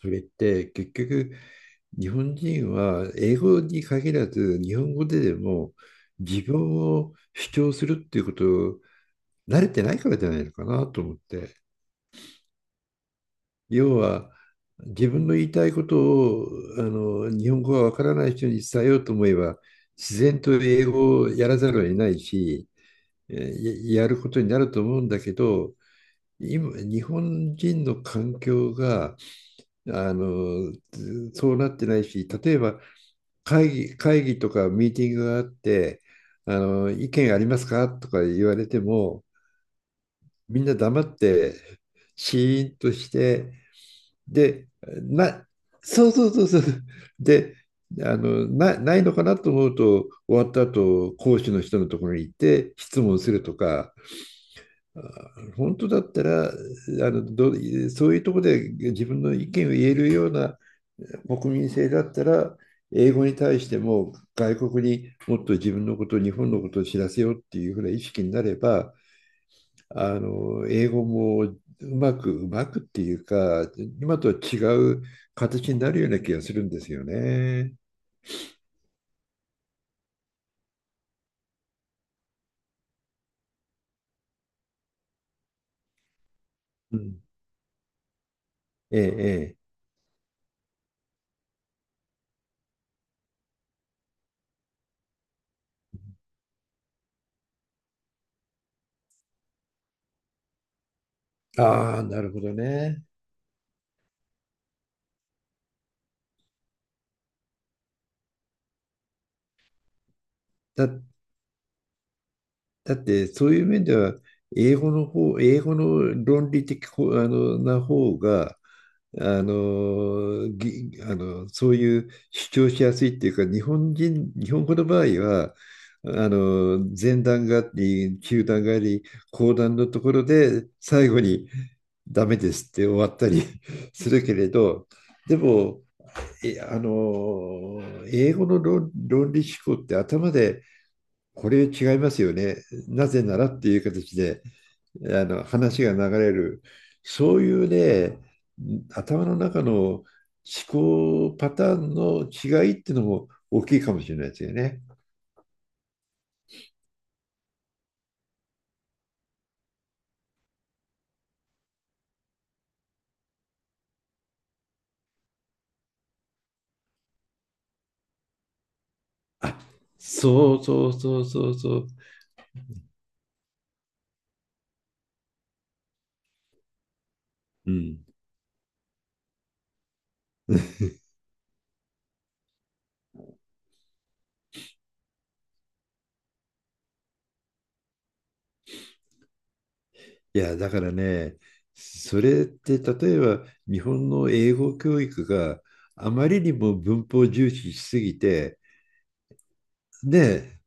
それって結局日本人は英語に限らず日本語ででも自分を主張するっていうことを慣れてないからじゃないのかなと思って。要は自分の言いたいことを日本語がわからない人に伝えようと思えば、自然と英語をやらざるを得ないし、やることになると思うんだけど、今日本人の環境があのそうなってないし、例えば会議とかミーティングがあって、意見ありますかとか言われても、みんな黙って、シーンとして、で、な、そうそうそうそう。で、ないのかなと思うと、終わった後、講師の人のところに行って質問するとか、本当だったら、の、どうそういうところで自分の意見を言えるような国民性だったら、英語に対しても外国にもっと自分のこと、日本のことを知らせようっていうふうな意識になれば、英語もうまくっていうか、今とは違う形になるような気がするんですよね。うん、ええ、ええ。ああ、なるほどね。だっだってそういう面では英語の論理的ほあのな方が、あのぎあのそういう主張しやすいっていうか、日本語の場合は、前段があり、中段があり、後段のところで最後にダメですって終わったり するけれど、でも、えあの英語の論理思考って頭でこれ違いますよね。なぜならっていう形で、話が流れる。そういうね、頭の中の思考パターンの違いっていうのも大きいかもしれないですよね。そうそうそうそうそう。うん。いや、だからね、それって例えば日本の英語教育があまりにも文法重視しすぎて、ね、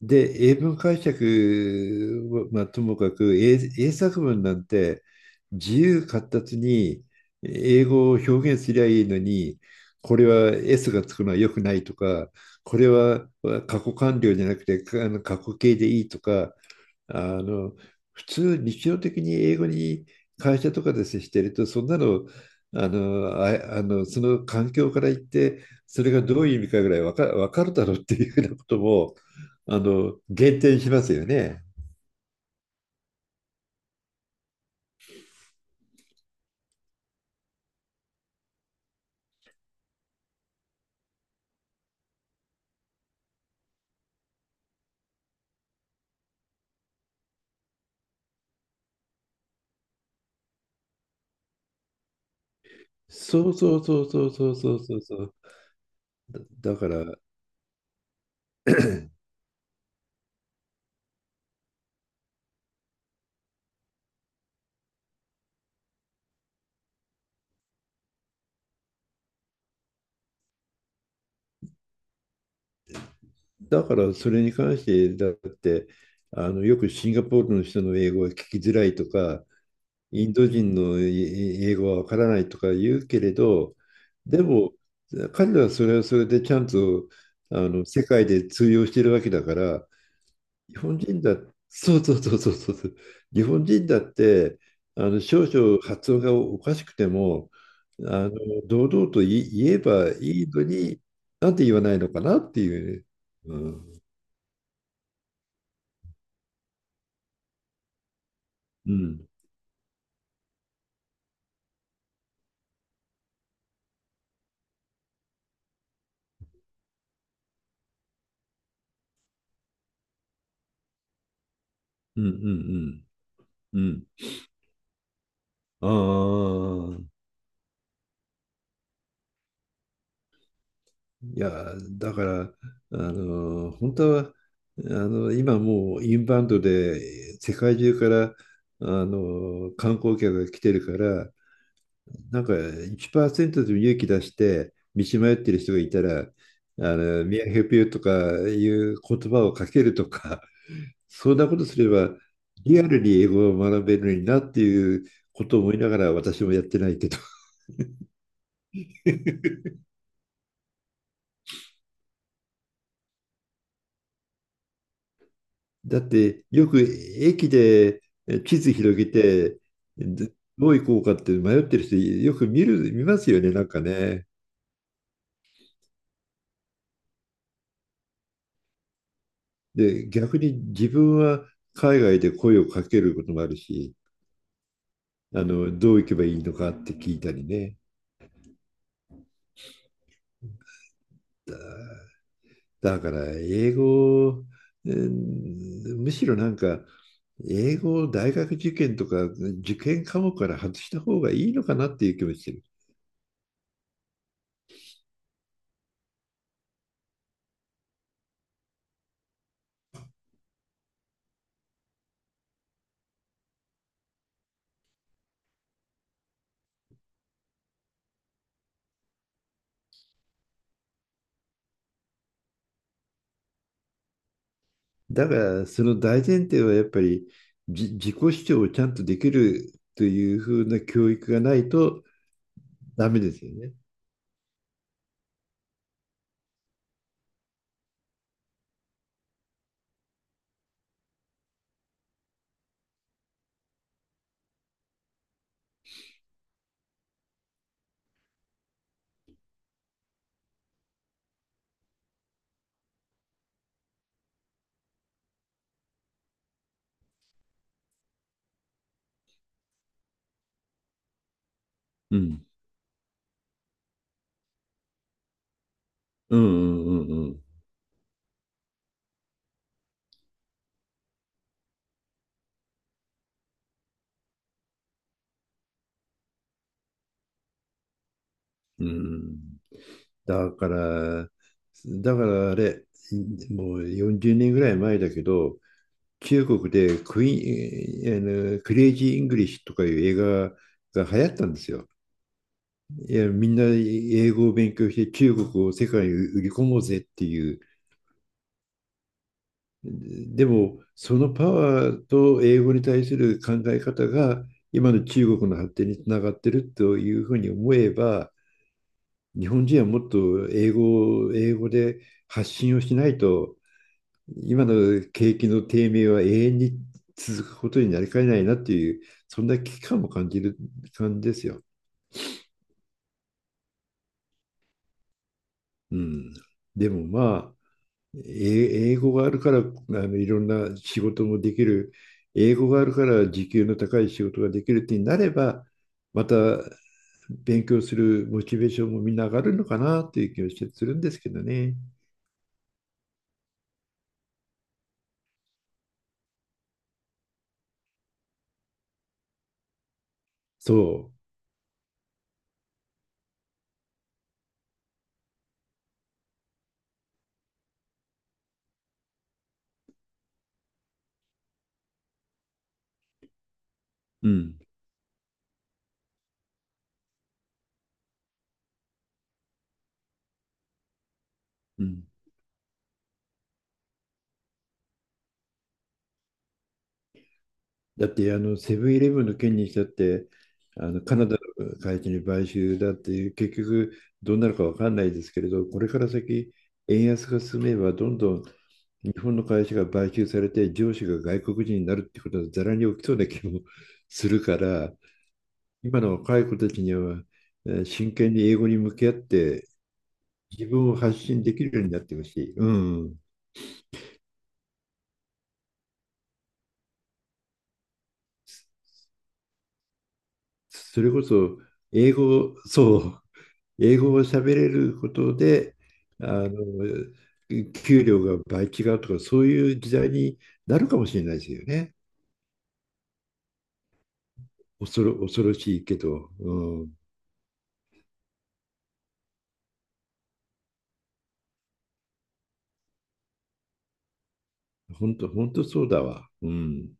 で、英文解釈は、まあ、ともかく英、英作文なんて自由闊達に英語を表現すりゃいいのに、これは S がつくのは良くないとか、これは過去完了じゃなくてかあの過去形でいいとか、あの、普通日常的に英語に会社とかで接していると、そんなの、その環境から言って、それがどういう意味かぐらいわかるだろうっていうようなことも、減点しますよね。そうそうそうそうそうそうそうそう。だ、だから、だからそれに関して、だって、よくシンガポールの人の英語が聞きづらいとか、インド人の英語はわからないとか言うけれど、でも彼らはそれはそれでちゃんと世界で通用してるわけだから、日本人だ、そうそうそうそうそうそう、日本人だって少々発音がおかしくても、あの堂々と言えばいいのに、なんて言わないのかなっていうね。うん、うん、うん、うん、うん。うん、ああ、いや、だから、本当は、今もうインバウンドで世界中から、観光客が来てるから、なんか1%でも勇気出して道迷ってる人がいたら、ミアヘピューとかいう言葉をかけるとか、そんなことすれば、リアルに英語を学べるのになっていうことを思いながら私もやってないけど。だってよく駅で地図広げてどどう行こうかって迷ってる人よく見ますよね、なんかね。で、逆に自分は海外で声をかけることもあるし、どう行けばいいのかって聞いたりね。だから英語、うん、むしろなんか英語を大学受験とか受験科目から外した方がいいのかなっていう気もしてる。だからその大前提はやっぱり自己主張をちゃんとできるというふうな教育がないとダメですよね。うん。うんうんうんうん。うん、だから、だからあれ、もう40年ぐらい前だけど、中国でクレイジー・イングリッシュとかいう映画が流行ったんですよ。いや、みんな英語を勉強して中国を世界に売り込もうぜっていう。でも、そのパワーと英語に対する考え方が今の中国の発展につながってるというふうに思えば、日本人はもっと英語を英語で発信をしないと、今の景気の低迷は永遠に続くことになりかねないなっていう、そんな危機感も感じる感じですよ。うん、でもまあ、英語があるから、いろんな仕事もできる、英語があるから時給の高い仕事ができるってなれば、また勉強するモチベーションもみんな上がるのかなっていう気がしてするんですけどね。そう。うん。うん。だって、セブンイレブンの件にしたって、カナダの会社に買収だっていう、結局どうなるかわかんないですけれど、これから先、円安が進めば、どんどん日本の会社が買収されて上司が外国人になるってことはざらに起きそうな気もするから、今の若い子たちには真剣に英語に向き合って自分を発信できるようになってほしい。うん。それこそ英語、そう、英語を喋れることで、あの、給料が倍違うとか、そういう時代になるかもしれないですよね。恐ろしいけど、うん。本当、本当そうだわ。うん。